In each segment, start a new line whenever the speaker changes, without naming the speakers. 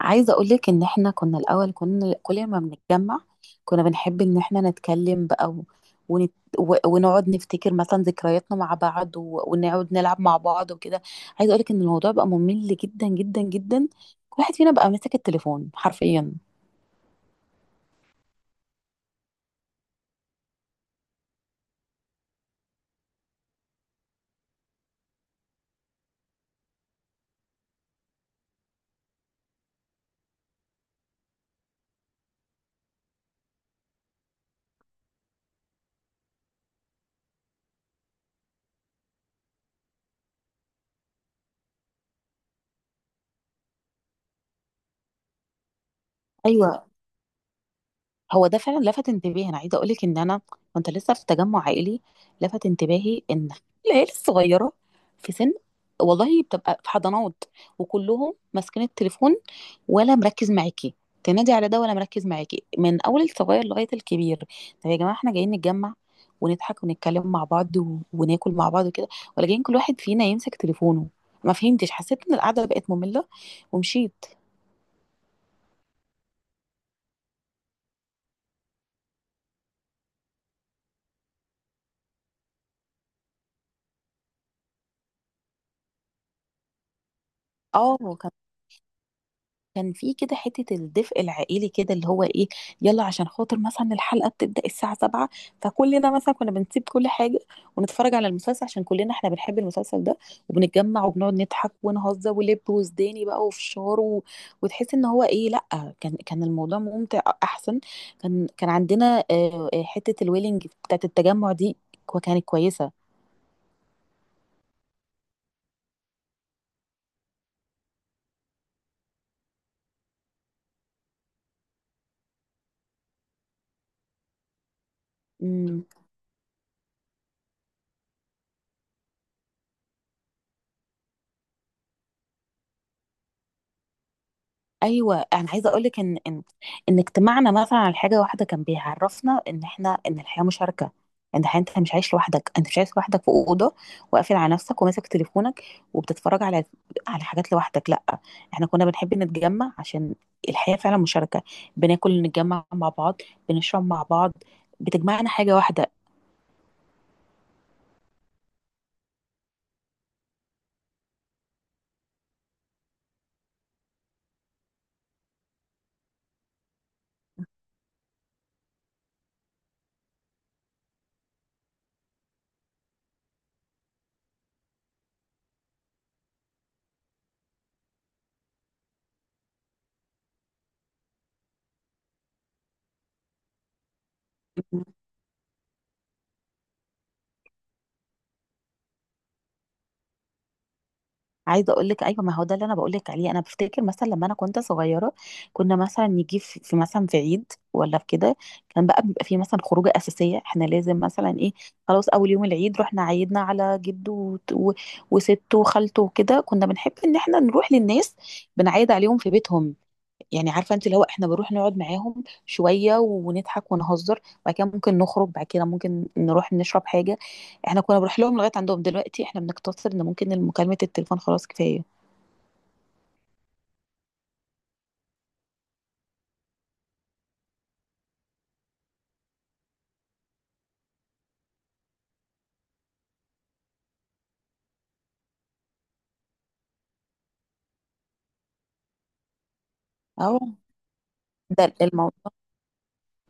عايزة أقولك إن إحنا كنا الأول، كنا كل ما بنتجمع كنا بنحب إن إحنا نتكلم بقى ونت... ونقعد نفتكر مثلا ذكرياتنا مع بعض، ونقعد نلعب مع بعض وكده. عايزة أقولك إن الموضوع بقى ممل جدا جدا جدا. كل واحد فينا بقى ماسك التليفون حرفيا. ايوه، هو ده فعلا لفت انتباهي. انا عايزه اقول لك ان انا كنت لسه في تجمع عائلي. لفت انتباهي ان العيال الصغيره في سن، والله، بتبقى في حضانات، وكلهم ماسكين التليفون، ولا مركز معاكي. تنادي على ده ولا مركز معاكي، من اول الصغير لغايه الكبير. طب يا جماعه، احنا جايين نتجمع ونضحك ونتكلم مع بعض وناكل مع بعض وكده، ولا جايين كل واحد فينا يمسك تليفونه؟ ما فهمتش، حسيت ان القعده بقت ممله ومشيت. اه، كان في كده حتة الدفء العائلي، كده اللي هو ايه، يلا عشان خاطر مثلا الحلقة بتبدأ الساعة 7، فكلنا مثلا كنا بنسيب كل حاجة ونتفرج على المسلسل عشان كلنا احنا بنحب المسلسل ده. وبنتجمع وبنقعد نضحك ونهزر، ولب وزداني بقى وفشار، و... وتحس ان هو ايه، لا، كان الموضوع ممتع احسن. كان عندنا، حتة الويلنج بتاعت التجمع دي، كانت كويسة. إمم. ايوه، انا عايزه اقول لك ان ان اجتماعنا مثلا على حاجه واحده كان بيعرفنا ان احنا، ان الحياه مشاركه، ان الحياه، انت مش عايش لوحدك. انت مش عايش لوحدك في اوضه وقافل على نفسك وماسك تليفونك وبتتفرج على حاجات لوحدك، لا، احنا كنا بنحب نتجمع عشان الحياه فعلا مشاركه. بناكل، نتجمع مع بعض، بنشرب مع بعض، بتجمعنا حاجه واحده. عايزه اقول لك، ايوه، ما هو ده اللي انا بقول لك عليه. انا بفتكر مثلا لما انا كنت صغيره، كنا مثلا نيجي في مثلا في عيد ولا في كده. كان بقى بيبقى في مثلا خروجه اساسيه، احنا لازم مثلا ايه، خلاص، اول يوم العيد رحنا عيدنا على جده وسته وخالته وكده. كنا بنحب ان احنا نروح للناس، بنعيد عليهم في بيتهم. يعني عارفه انت اللي هو احنا بنروح نقعد معاهم شويه ونضحك ونهزر، بعد كده ممكن نخرج، بعد كده ممكن نروح نشرب حاجه. احنا كنا بنروح لهم لغايه عندهم، دلوقتي احنا بنقتصر ان ممكن مكالمه التليفون خلاص كفايه. اه، ده الموضوع.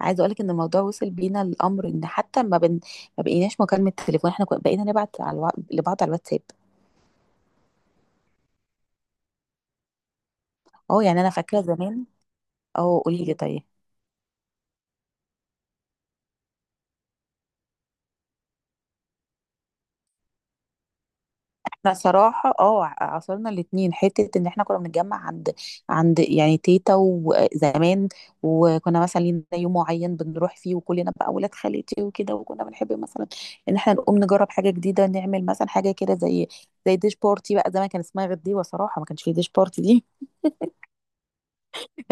عايزه اقول لك ان الموضوع وصل بينا الامر ان حتى ما بقيناش مكالمه تليفون، بقينا نبعت لبعض على الواتساب. اه، يعني انا فاكره زمان. اه، قولي لي، طيب. احنا صراحة عاصرنا الاتنين، حتة ان احنا كنا بنتجمع عند يعني تيتا وزمان. وكنا مثلا لينا يوم معين بنروح فيه، وكلنا بقى ولاد خالتي وكده. وكنا بنحب مثلا ان احنا نقوم نجرب حاجة جديدة، نعمل مثلا حاجة كده، زي ديش بارتي بقى، زمان كان اسمها غير دي، وصراحة ما كانش فيه ديش بارتي دي.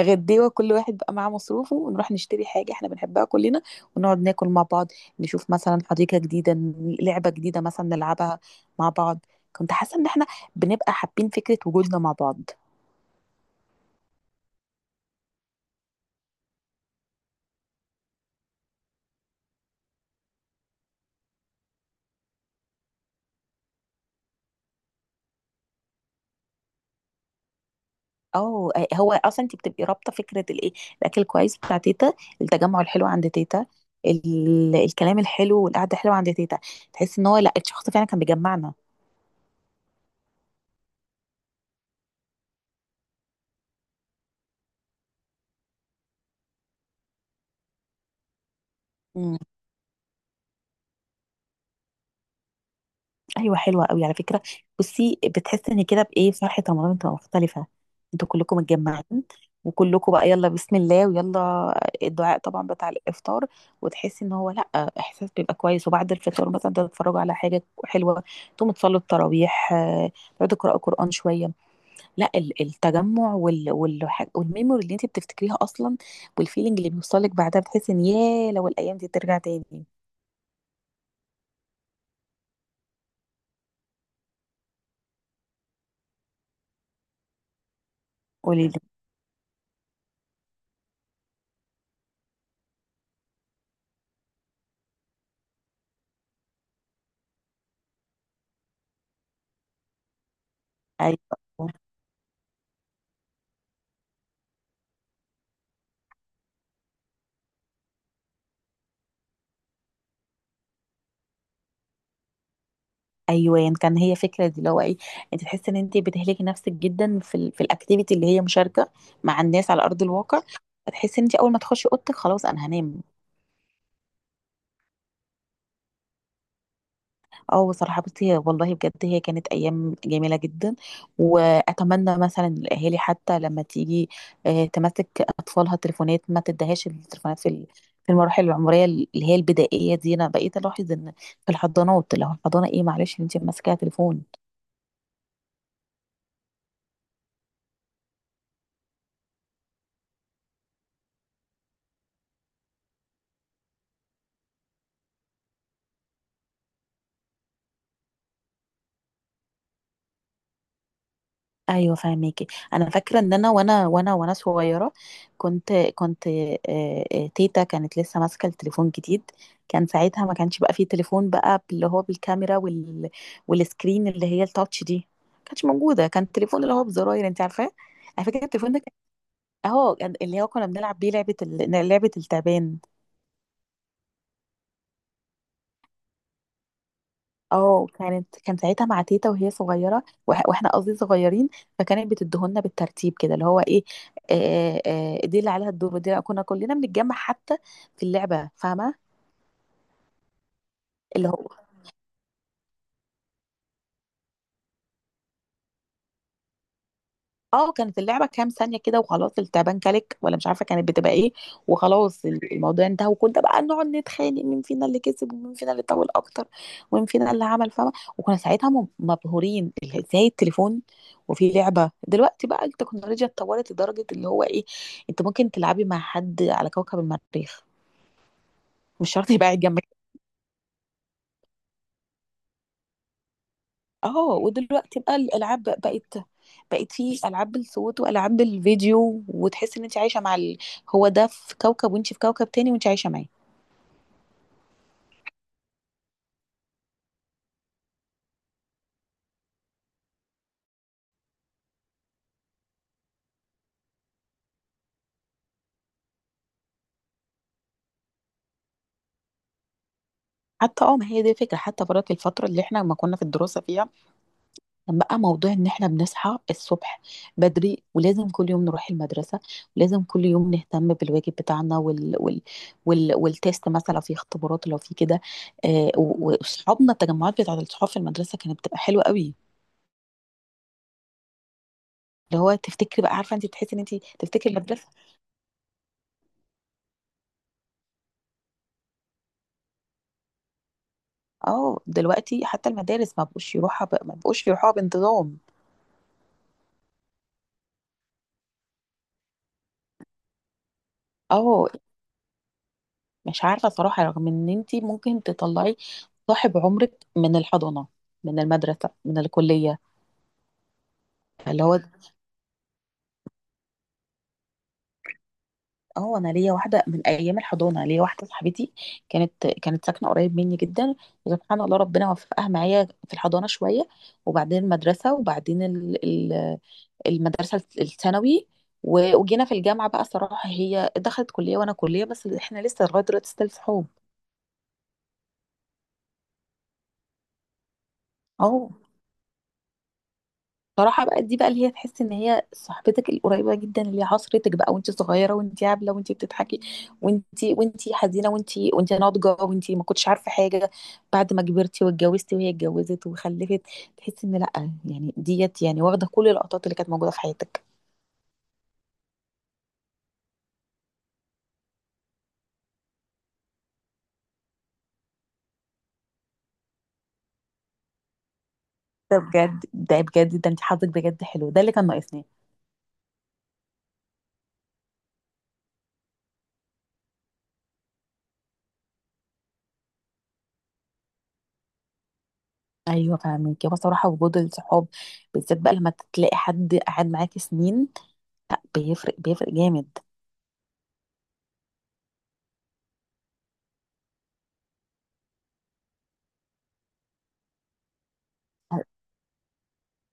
غديوه، كل واحد بقى معاه مصروفه ونروح نشتري حاجة احنا بنحبها كلنا، ونقعد ناكل مع بعض، نشوف مثلا حديقة جديدة، لعبة جديدة مثلا نلعبها مع بعض. كنت حاسة ان احنا بنبقى حابين فكرة وجودنا مع بعض. اه، هو اصلا انت بتبقي رابطة فكرة الايه، الاكل الكويس بتاع تيتا، التجمع الحلو عند تيتا، الكلام الحلو والقعدة الحلوة عند تيتا. تحس ان هو، لا، الشخص فعلا كان بيجمعنا. ايوه، حلوه قوي على فكره. بصي، بتحس ان كده، بايه، فرحه رمضان بتبقى مختلفه، انتوا كلكم متجمعين. وكلكم بقى يلا بسم الله، ويلا الدعاء طبعا بتاع الافطار، وتحسي ان هو، لا، احساس بيبقى كويس. وبعد الفطار مثلا تتفرجوا على حاجه حلوه، تقوموا تصلوا التراويح، تقعدوا تقراوا قران شويه. لا، التجمع والميموري اللي انت بتفتكريها اصلا، والفيلينج اللي بيوصلك بعدها، بتحسي ان ياه لو الايام دي ترجع تاني. قولي لي. ايوه، ايوه، يعني كان، هي فكره دي اللي هو ايه، انت تحسي ان انت بتهلكي نفسك جدا في في الاكتيفيتي اللي هي مشاركه مع الناس على ارض الواقع، فتحسي ان انت اول ما تخشي اوضتك خلاص انا هنام. اه صراحه، بصي، والله بجد هي كانت ايام جميله جدا. واتمنى مثلا الاهالي حتى لما تيجي تمسك اطفالها تليفونات، ما تدهاش التليفونات في في المراحل العمريه اللي هي البدائيه دي. انا بقيت الاحظ ان في الحضانات، لو الحضانه ايه، معلش، انت ماسكه تليفون. ايوه فاهميكي. انا فاكره ان انا وانا وانا وانا صغيره، كنت كنت آه، آه، تيتا كانت لسه ماسكه التليفون جديد. كان ساعتها ما كانش بقى فيه تليفون بقى اللي هو بالكاميرا والسكرين اللي هي التاتش دي، ما كانتش موجوده. كان التليفون اللي هو بزراير، انت عارفاه. على فكره التليفون ده اهو اللي هو كنا بنلعب بيه لعبه، لعبه التعبان. اه، كان ساعتها مع تيتا وهي صغيره، واحنا قصدي صغيرين، فكانت بتدهولنا بالترتيب كده اللي هو ايه، دي اللي عليها الدور، كنا كلنا بنتجمع حتى في اللعبه، فاهمه. اللي هو، اه كانت اللعبة كام ثانية كده وخلاص، التعبان كلك ولا مش عارفة كانت بتبقى ايه. وخلاص الموضوع انتهى، وكنا بقى نقعد نتخانق مين فينا اللي كسب ومين فينا اللي طول اكتر، ومين فينا اللي عمل، فاهمة. وكنا ساعتها مبهورين ازاي التليفون، وفي لعبة، دلوقتي بقى التكنولوجيا اتطورت لدرجة اللي هو ايه، انت ممكن تلعبي مع حد على كوكب المريخ، مش شرط يبقى قاعد جنبك. اه، ودلوقتي بقى الالعاب بقت في العاب بالصوت والعاب بالفيديو، وتحس ان انت عايشه مع هو ده في كوكب وانت في كوكب تاني وانت عايشه معاه. حتى اه، ما هي دي فكره حتى برات الفتره اللي احنا لما كنا في الدراسه فيها. كان بقى موضوع ان احنا بنصحى الصبح بدري، ولازم كل يوم نروح المدرسه، ولازم كل يوم نهتم بالواجب بتاعنا والتيست مثلا لو في اختبارات، لو في كده، واصحابنا، التجمعات بتاعه الصحاب في المدرسه كانت بتبقى حلوه قوي. اللي هو تفتكري بقى، عارفه انت، تحسي ان انت تفتكري المدرسه. اه دلوقتي حتى المدارس ما بقوش يروحها ما بقوش يروحوها بانتظام. اه مش عارفه صراحه، رغم ان انت ممكن تطلعي صاحب عمرك من الحضانه، من المدرسه، من الكليه. اللي هو، اه انا ليا واحده من ايام الحضانه، ليا واحده صاحبتي، كانت ساكنه قريب مني جدا، وسبحان الله ربنا وفقها معايا في الحضانه شويه، وبعدين المدرسه، وبعدين المدرسة الثانوي، وجينا في الجامعة بقى. صراحة هي دخلت كلية وانا كلية، بس احنا لسه لغاية دلوقتي ستيل صحاب. اه صراحة بقى، دي بقى اللي هي تحس ان هي صاحبتك القريبة جدا اللي هي عصرتك بقى وانت صغيرة، وانت عابلة وانت بتضحكي، وانت حزينة، وانت ناضجة، وانت ما كنتش عارفة حاجة. بعد ما كبرتي واتجوزتي، وهي اتجوزت وخلفت، تحس ان، لا، يعني ديت يعني واخدة كل اللقطات اللي كانت موجودة في حياتك. ده بجد، ده بجد، ده انت حظك بجد حلو، ده اللي كان ناقصني. ايوه فاهمك، هو صراحه وجود الصحاب، بالذات بقى لما تلاقي حد قاعد معاكي سنين، لا بيفرق، بيفرق جامد.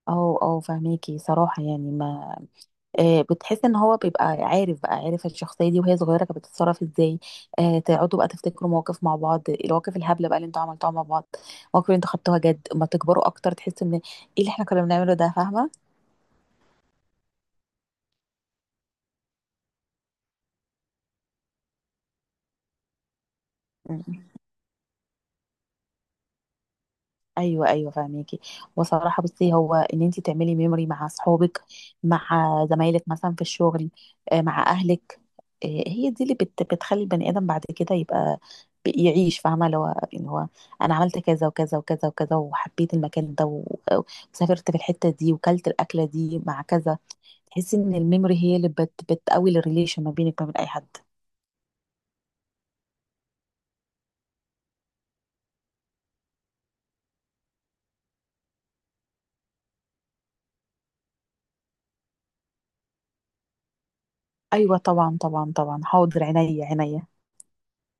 اه اه فاهميكي صراحة، يعني ما، بتحس ان هو بيبقى عارف بقى، عارف الشخصية دي وهي صغيرة كانت بتتصرف ازاي. تقعدوا بقى تفتكروا مواقف مع بعض، المواقف الهبلة بقى اللي انتوا عملتوها مع بعض، المواقف اللي انتوا خدتوها جد، اما تكبروا اكتر تحسوا ان ايه اللي احنا كنا بنعمله ده، فاهمة. ايوه، ايوه، فاهميكي. وصراحه بصي هو ان انت تعملي ميموري مع اصحابك، مع زمايلك مثلا في الشغل، مع اهلك، هي دي اللي بتخلي البني ادم بعد كده يبقى يعيش، فاهمه، لو اللي هو انا عملت كذا وكذا وكذا وكذا، وحبيت المكان ده، وسافرت في الحته دي، وكلت الاكله دي مع كذا. تحسي ان الميموري هي اللي بتقوي الريليشن ما بينك وما بين اي حد. ايوه طبعا طبعا طبعا، حاضر، عينيا عينيا.